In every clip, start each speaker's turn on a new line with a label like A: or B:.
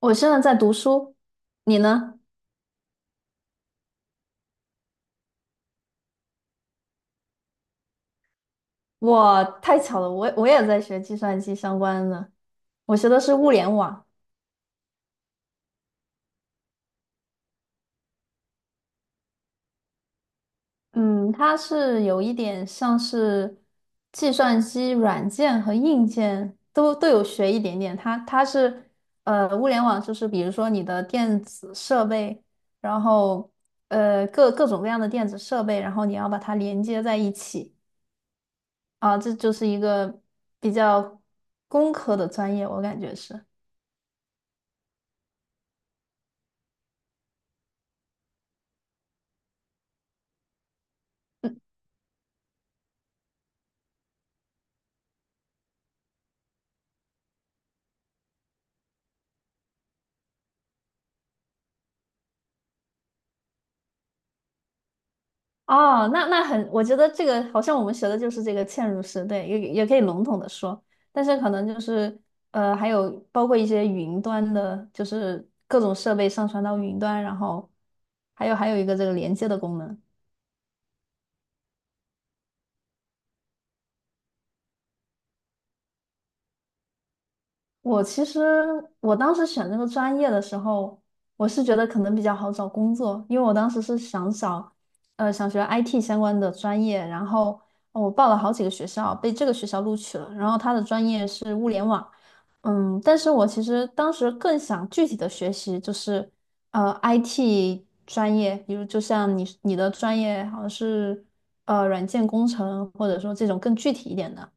A: 我现在在读书，你呢？我太巧了，我也在学计算机相关的，我学的是物联网。嗯，它是有一点像是计算机软件和硬件都有学一点点。它是物联网就是比如说你的电子设备，然后呃各各种各样的电子设备，然后你要把它连接在一起啊，这就是一个比较工科的专业，我感觉是。哦，那很，我觉得这个好像我们学的就是这个嵌入式，对，也可以笼统的说，但是可能就是还有包括一些云端的，就是各种设备上传到云端，然后还有一个这个连接的功能。我其实我当时选这个专业的时候，我是觉得可能比较好找工作，因为我当时是想找，想学 IT 相关的专业，然后我报了好几个学校，被这个学校录取了，然后他的专业是物联网，嗯，但是我其实当时更想具体的学习就是，IT 专业，比如就像你的专业好像是，软件工程，或者说这种更具体一点的。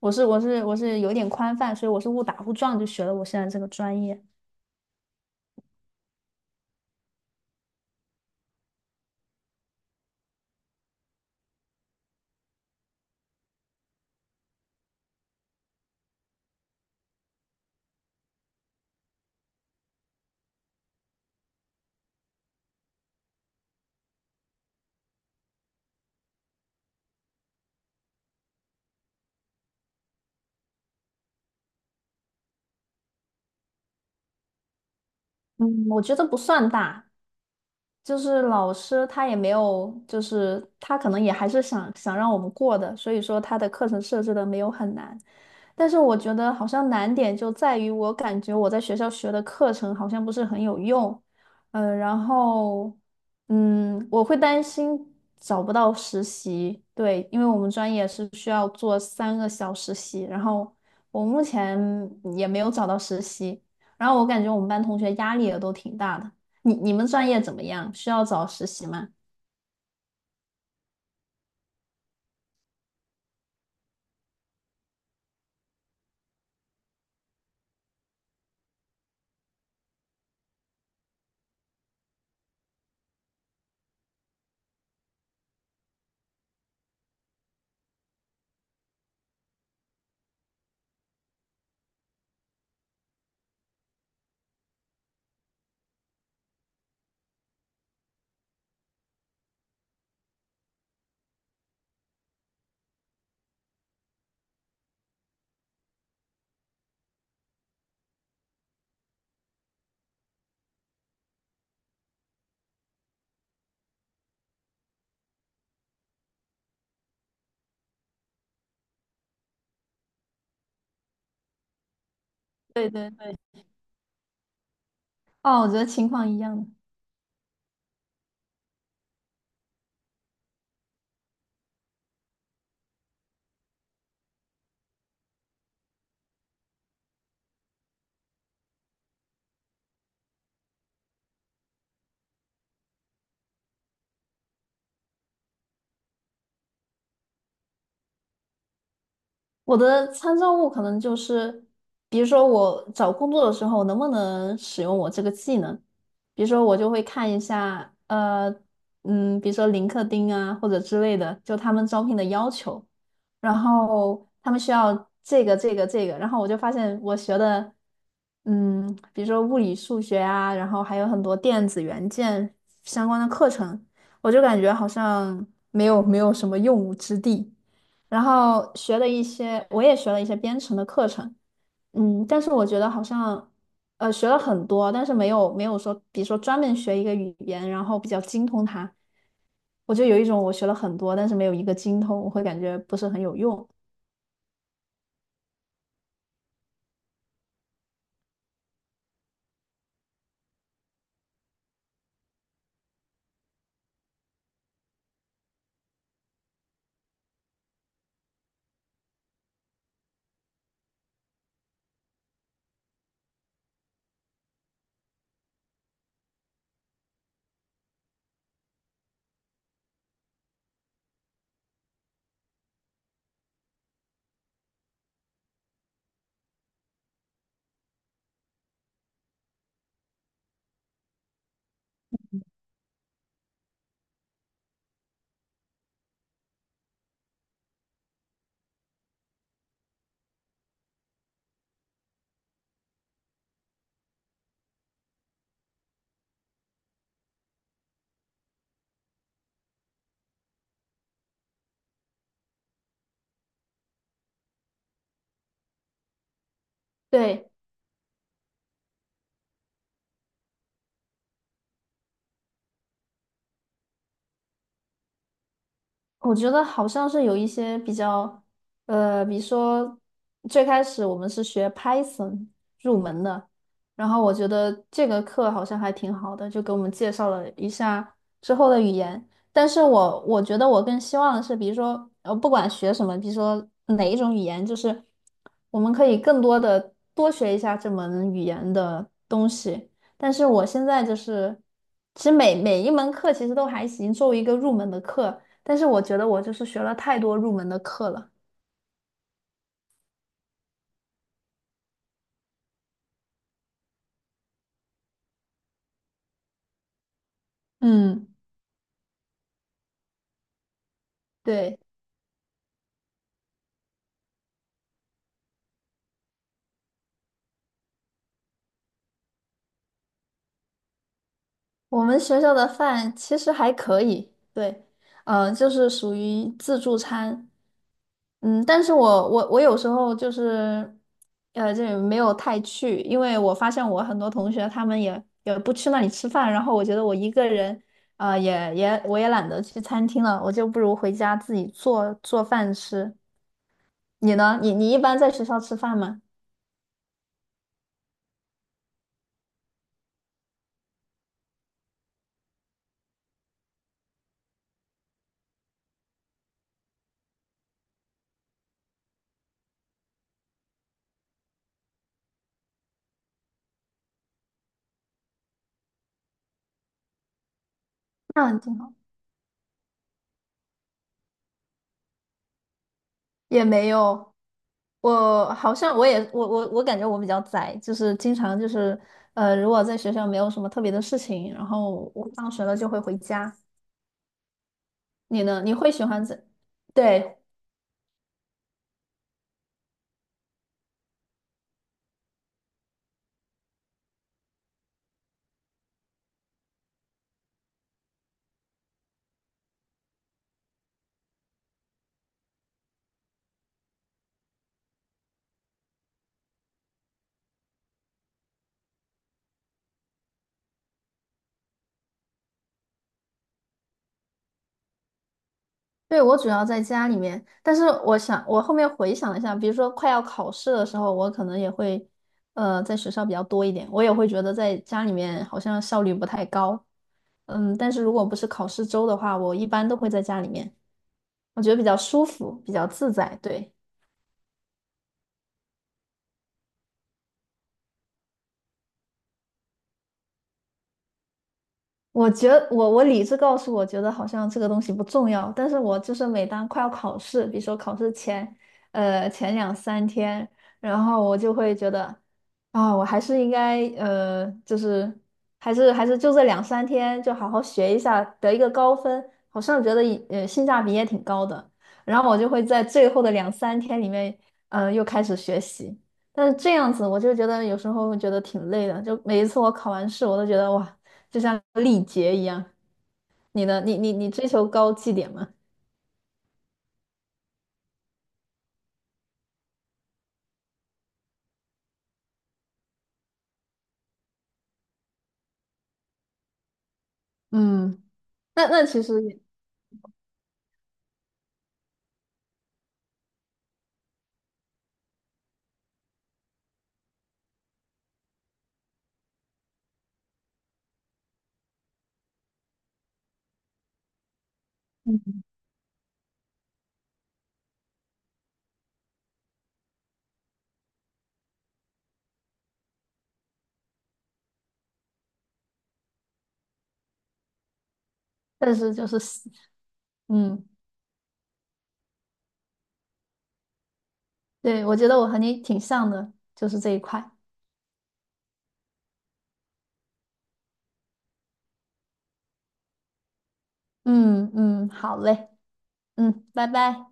A: 我是有点宽泛，所以我是误打误撞就学了我现在这个专业。嗯，我觉得不算大，就是老师他也没有，就是他可能也还是想让我们过的，所以说他的课程设置的没有很难。但是我觉得好像难点就在于我感觉我在学校学的课程好像不是很有用，嗯、然后嗯，我会担心找不到实习，对，因为我们专业是需要做三个小实习，然后我目前也没有找到实习，然后我感觉我们班同学压力也都挺大的。你们专业怎么样？需要找实习吗？对对对，哦，我觉得情况一样的。我的参照物可能就是，比如说我找工作的时候能不能使用我这个技能，比如说我就会看一下，嗯，比如说林克丁啊或者之类的，就他们招聘的要求，然后他们需要这个，然后我就发现我学的，嗯，比如说物理数学啊，然后还有很多电子元件相关的课程，我就感觉好像没有什么用武之地。然后学了一些，我也学了一些编程的课程，嗯，但是我觉得好像，学了很多，但是没有说，比如说专门学一个语言，然后比较精通它，我就有一种我学了很多，但是没有一个精通，我会感觉不是很有用。对，我觉得好像是有一些比较，比如说最开始我们是学 Python 入门的，然后我觉得这个课好像还挺好的，就给我们介绍了一下之后的语言。但是我觉得我更希望的是，比如说不管学什么，比如说哪一种语言，就是我们可以更多的多学一下这门语言的东西。但是我现在就是，其实每一门课其实都还行，作为一个入门的课。但是我觉得我就是学了太多入门的课了。嗯对，我们学校的饭其实还可以，对，就是属于自助餐，嗯，但是我有时候就是，这没有太去，因为我发现我很多同学他们也不去那里吃饭，然后我觉得我一个人，我也懒得去餐厅了，我就不如回家自己做饭吃。你呢？你一般在学校吃饭吗？那挺好。也没有，我好像我也我我我感觉我比较宅，就是经常就是如果在学校没有什么特别的事情，然后我放学了就会回家。你呢？你会喜欢在？对对，我主要在家里面，但是我想我后面回想了一下，比如说快要考试的时候，我可能也会在学校比较多一点，我也会觉得在家里面好像效率不太高。嗯，但是如果不是考试周的话，我一般都会在家里面，我觉得比较舒服，比较自在，对。我觉得我理智告诉我觉得好像这个东西不重要，但是我就是每当快要考试，比如说考试前，前两三天，然后我就会觉得，啊、我还是应该就是还是就这两三天就好好学一下，得一个高分，好像觉得也性价比也挺高的，然后我就会在最后的两三天里面，嗯又开始学习。但是这样子，我就觉得有时候会觉得挺累的。就每一次我考完试，我都觉得哇，就像历劫一样。你的你你你追求高绩点吗？嗯，那那其实也，嗯，但是就是死嗯，对，我觉得我和你挺像的，就是这一块。嗯嗯，好嘞，嗯，拜拜。